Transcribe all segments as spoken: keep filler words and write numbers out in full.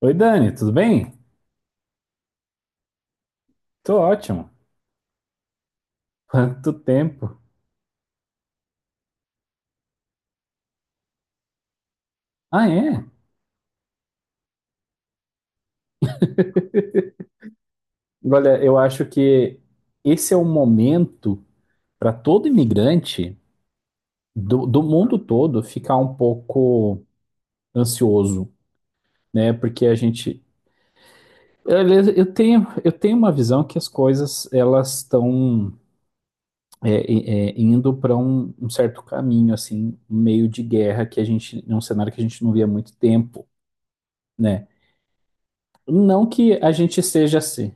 Oi, Dani, tudo bem? Tô ótimo. Quanto tempo? Ah, é? Olha, eu acho que esse é o momento para todo imigrante do, do mundo todo ficar um pouco ansioso, né? Porque a gente. Eu, eu tenho, eu tenho uma visão que as coisas elas estão é, é, é, indo para um, um certo caminho, assim, um meio de guerra, que a gente. É um cenário que a gente não via há muito tempo, né? Não que a gente seja assim.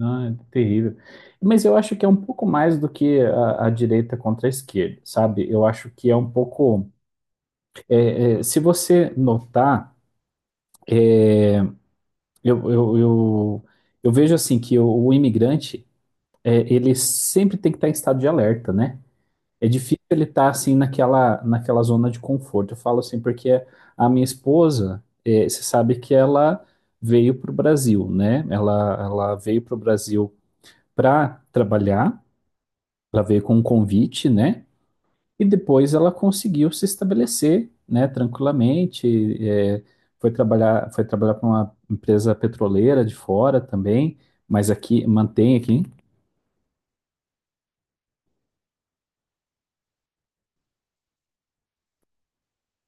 Ah, é terrível. Mas eu acho que é um pouco mais do que a, a direita contra a esquerda, sabe? Eu acho que é um pouco. É, é, se você notar, eu, eu, eu, eu vejo assim que o, o imigrante, é, ele sempre tem que estar em estado de alerta, né? É difícil ele estar assim naquela, naquela zona de conforto. Eu falo assim porque a minha esposa, é, você sabe que ela veio para o Brasil, né? Ela, ela veio para o Brasil para trabalhar, ela veio com um convite, né? E depois ela conseguiu se estabelecer, né, tranquilamente. é, Foi trabalhar, foi trabalhar para uma empresa petroleira de fora também, mas aqui mantém aqui.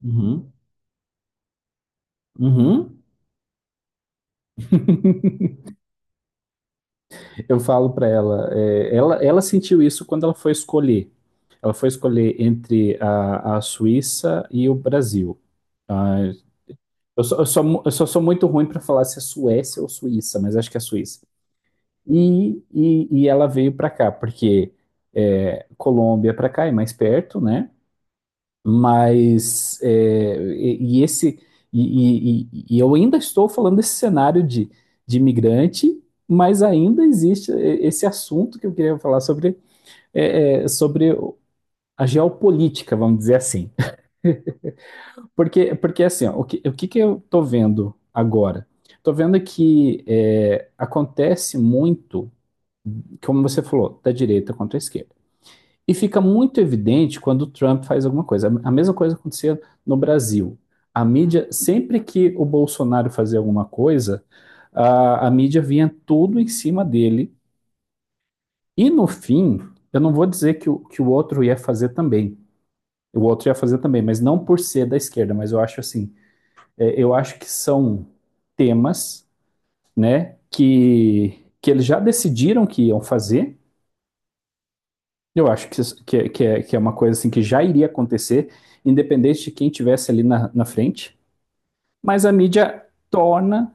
Uhum. Uhum. Eu falo para ela, é, ela, ela sentiu isso quando ela foi escolher. Ela foi escolher entre a, a Suíça e o Brasil. Ah, eu só, eu só, mu- eu só sou muito ruim para falar se é Suécia ou Suíça, mas acho que é Suíça. E, e, e ela veio para cá, porque é, Colômbia para cá é mais perto, né? Mas é, e, e esse e, e, e eu ainda estou falando desse cenário de, de imigrante, mas ainda existe e- esse assunto que eu queria falar sobre, é, é, sobre a geopolítica, vamos dizer assim. Porque, porque assim, ó, o que, o que, que eu estou vendo agora? Estou vendo que é, acontece muito, como você falou, da direita contra a esquerda. E fica muito evidente quando o Trump faz alguma coisa. A mesma coisa acontecia no Brasil. A mídia, sempre que o Bolsonaro fazia alguma coisa, a, a mídia vinha tudo em cima dele. E no fim, eu não vou dizer que o, que o outro ia fazer também. O outro ia fazer também, mas não por ser da esquerda, mas eu acho assim, é, eu acho que são temas, né, que, que eles já decidiram que iam fazer. Eu acho que, isso- que, que, é, que é uma coisa assim que já iria acontecer, independente de quem tivesse ali na, na frente, mas a mídia torna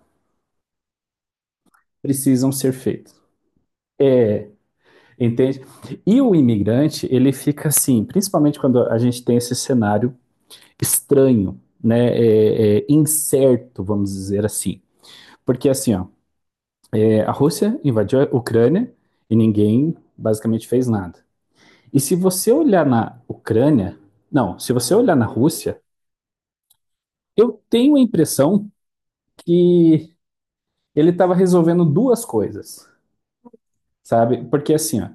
precisam ser feitos, entende? E o imigrante, ele fica assim, principalmente quando a gente tem esse cenário estranho, né, é, é, incerto, vamos dizer assim. Porque assim, ó, é, a Rússia invadiu a Ucrânia e ninguém basicamente fez nada. E se você olhar na Ucrânia, não, se você olhar na Rússia, eu tenho a impressão que ele estava resolvendo duas coisas, sabe? Porque assim, ó,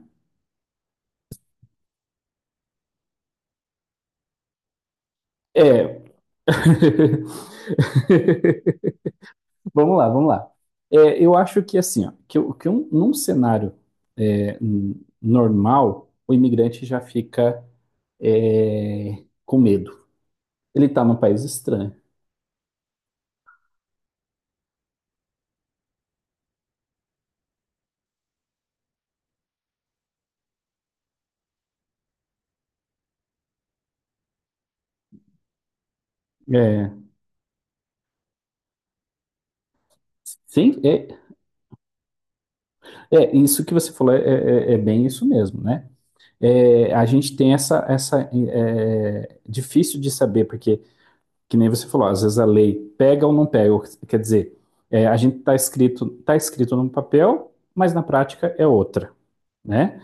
é, vamos lá, vamos lá. É, eu acho que assim, ó, que, que um- num cenário é, normal, o imigrante já fica é, com medo. Ele está num país estranho. É, sim, é, é, isso que você falou é, é- é é bem isso mesmo, né? É, a gente tem essa, essa é, é, difícil de saber, porque que nem você falou, às vezes a lei pega ou não pega, quer dizer, é, a gente está escrito, tá escrito num papel, mas na prática é outra, né?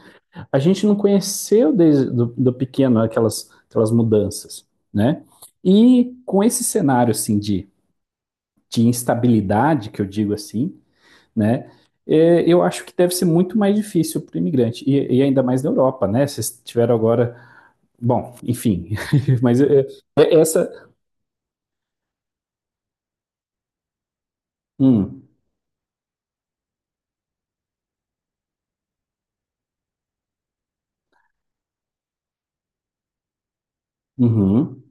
A gente não conheceu desde do, do pequeno aquelas, aquelas mudanças, né? E com esse cenário, assim, de, de instabilidade, que eu digo assim, né? É, eu acho que deve ser muito mais difícil para o imigrante, e, e, ainda mais na Europa, né? Vocês tiveram agora. Bom, enfim, mas é, é essa. Hum, uhum,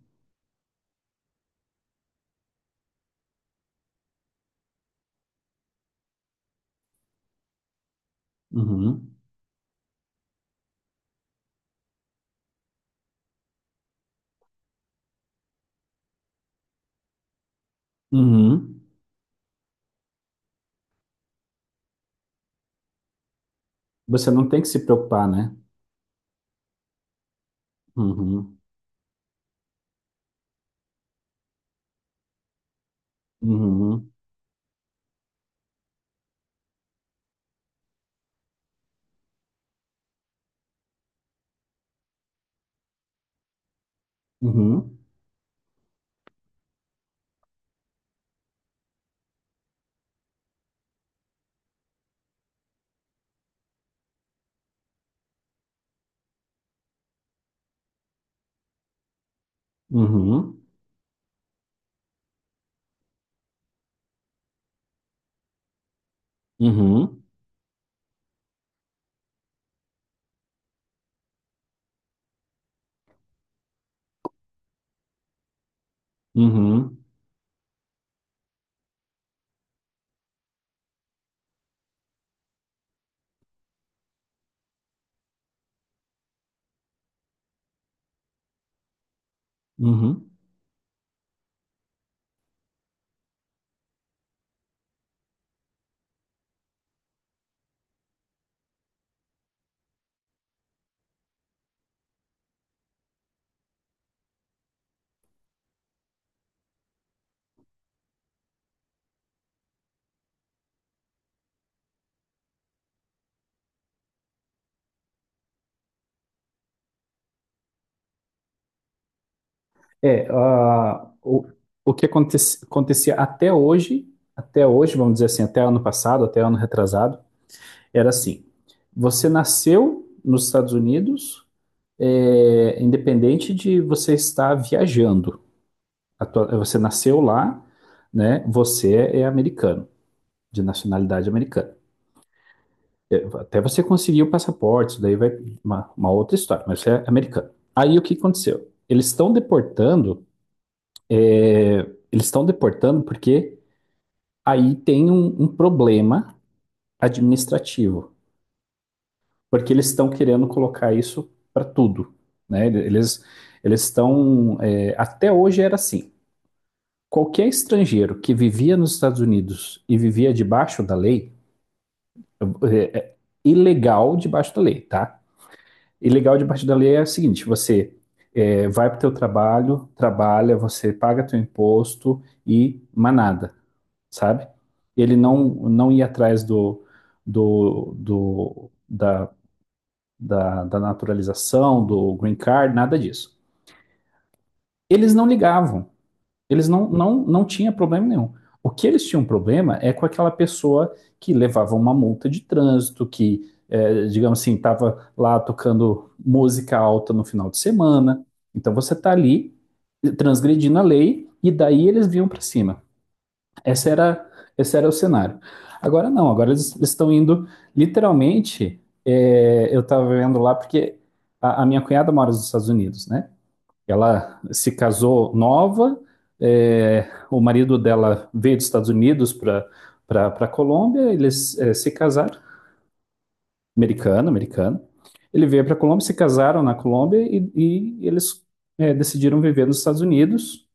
uhum. Uhum. Você não tem que se preocupar, né? Uhum. Uhum. Uhum. Uhum. Uhum. Uhum. Uhum. É, ah, o, o que aconte- acontecia até hoje, até hoje, vamos dizer assim, até ano passado, até ano retrasado, era assim. Você nasceu nos Estados Unidos, é, independente de você estar viajando. A tua- você nasceu lá, né? Você é americano, de nacionalidade americana. É, até você conseguir o passaporte, isso daí vai uma, uma outra história, mas você é americano. Aí o que aconteceu? Eles estão deportando, é, eles estão deportando porque aí tem um, um problema administrativo, porque eles estão querendo colocar isso para tudo, né? Eles eles estão é, até hoje era assim. Qualquer estrangeiro que vivia nos Estados Unidos e vivia debaixo da lei, é, é ilegal debaixo da lei, tá? E legal de partir dali é o seguinte, você é, vai para o teu trabalho, trabalha, você paga teu imposto e manada, sabe? Ele não, não ia atrás do, do, do, da, da, da naturalização, do green card, nada disso. Eles não ligavam. Eles não, não, não tinham problema nenhum. O que eles tinham problema é com aquela pessoa que levava uma multa de trânsito, que, é, digamos assim, estava lá tocando música alta no final de semana. Então você está ali transgredindo a lei e daí eles vinham para cima. Esse era, esse era o cenário. Agora não, agora eles estão indo literalmente. É, eu estava vendo lá porque a, a minha cunhada mora nos Estados Unidos, né? Ela se casou nova, é, o marido dela veio dos Estados Unidos para para Colômbia, eles é, se casaram, americano, americano. Ele veio para Colômbia, se casaram na Colômbia e, e eles é, decidiram viver nos Estados Unidos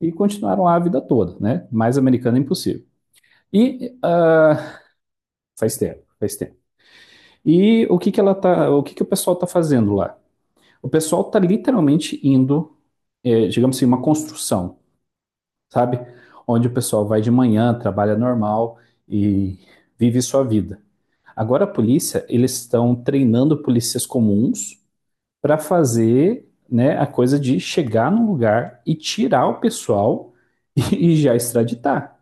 e continuaram lá a vida toda, né? Mais americano é impossível. E ah, faz tempo, faz tempo. E o que que ela tá, o que que o pessoal tá fazendo lá? O pessoal tá literalmente indo, é, digamos assim, uma construção, sabe? Onde o pessoal vai de manhã, trabalha normal e vive sua vida. Agora a polícia, eles estão treinando polícias comuns para fazer, né, a coisa de chegar num lugar e tirar o pessoal e, e já extraditar.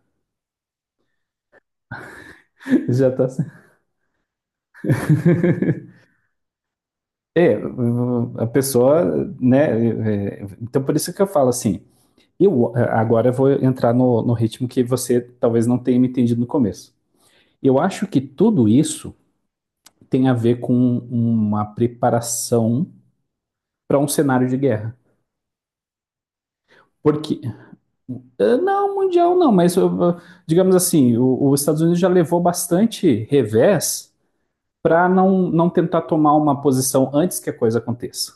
Já tá assim. É, a pessoa, né? É, então por isso que eu falo assim. Eu agora eu vou entrar no, no ritmo que você talvez não tenha me entendido no começo. Eu acho que tudo isso tem a ver com uma preparação para um cenário de guerra. Porque, não, mundial não, mas eh, digamos assim, os Estados Unidos já levou bastante revés para não, não tentar tomar uma posição antes que a coisa aconteça.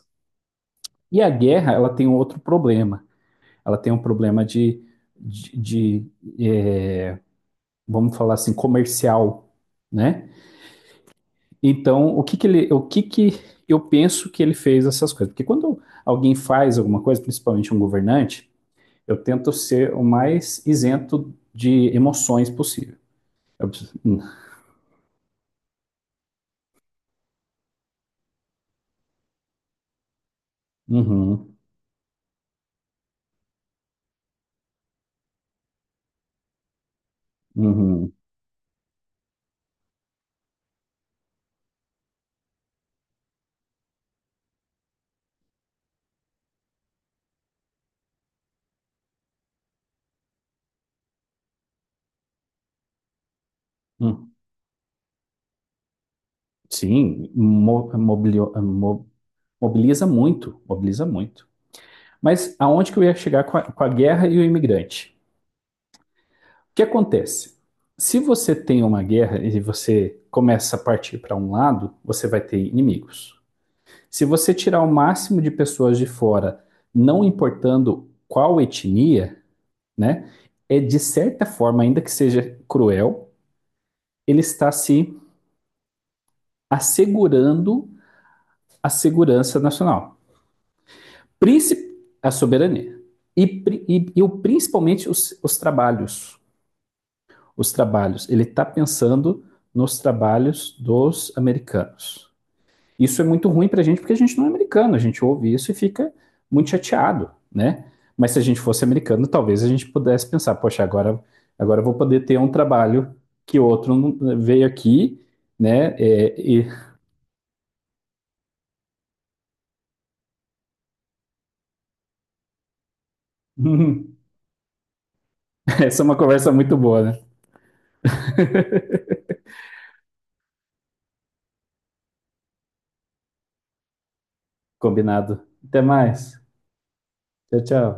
E a guerra, ela tem um outro problema. Ela tem um problema de, de, de é, vamos falar assim, comercial, né? Então, o que que ele, o que que eu penso que ele fez essas coisas? Porque quando alguém faz alguma coisa, principalmente um governante, eu tento ser o mais isento de emoções possível. Eu preciso- hum, uhum, uhum, hum. Sim, mo- mobilio- mo- mobiliza muito, mobiliza muito. Mas aonde que eu ia chegar com a, com a guerra e o imigrante? O que acontece? Se você tem uma guerra e você começa a partir para um lado, você vai ter inimigos. Se você tirar o máximo de pessoas de fora, não importando qual etnia, né, é de certa forma, ainda que seja cruel, ele está se assegurando a segurança nacional, a soberania e, e, e principalmente os, os trabalhos, os trabalhos. Ele está pensando nos trabalhos dos americanos. Isso é muito ruim para a gente porque a gente não é americano, a gente ouve isso e fica muito chateado, né? Mas se a gente fosse americano, talvez a gente pudesse pensar, poxa, agora, agora eu vou poder ter um trabalho que outro veio aqui, né? É, e essa é uma conversa muito boa, né? Combinado. Até mais. Tchau, tchau.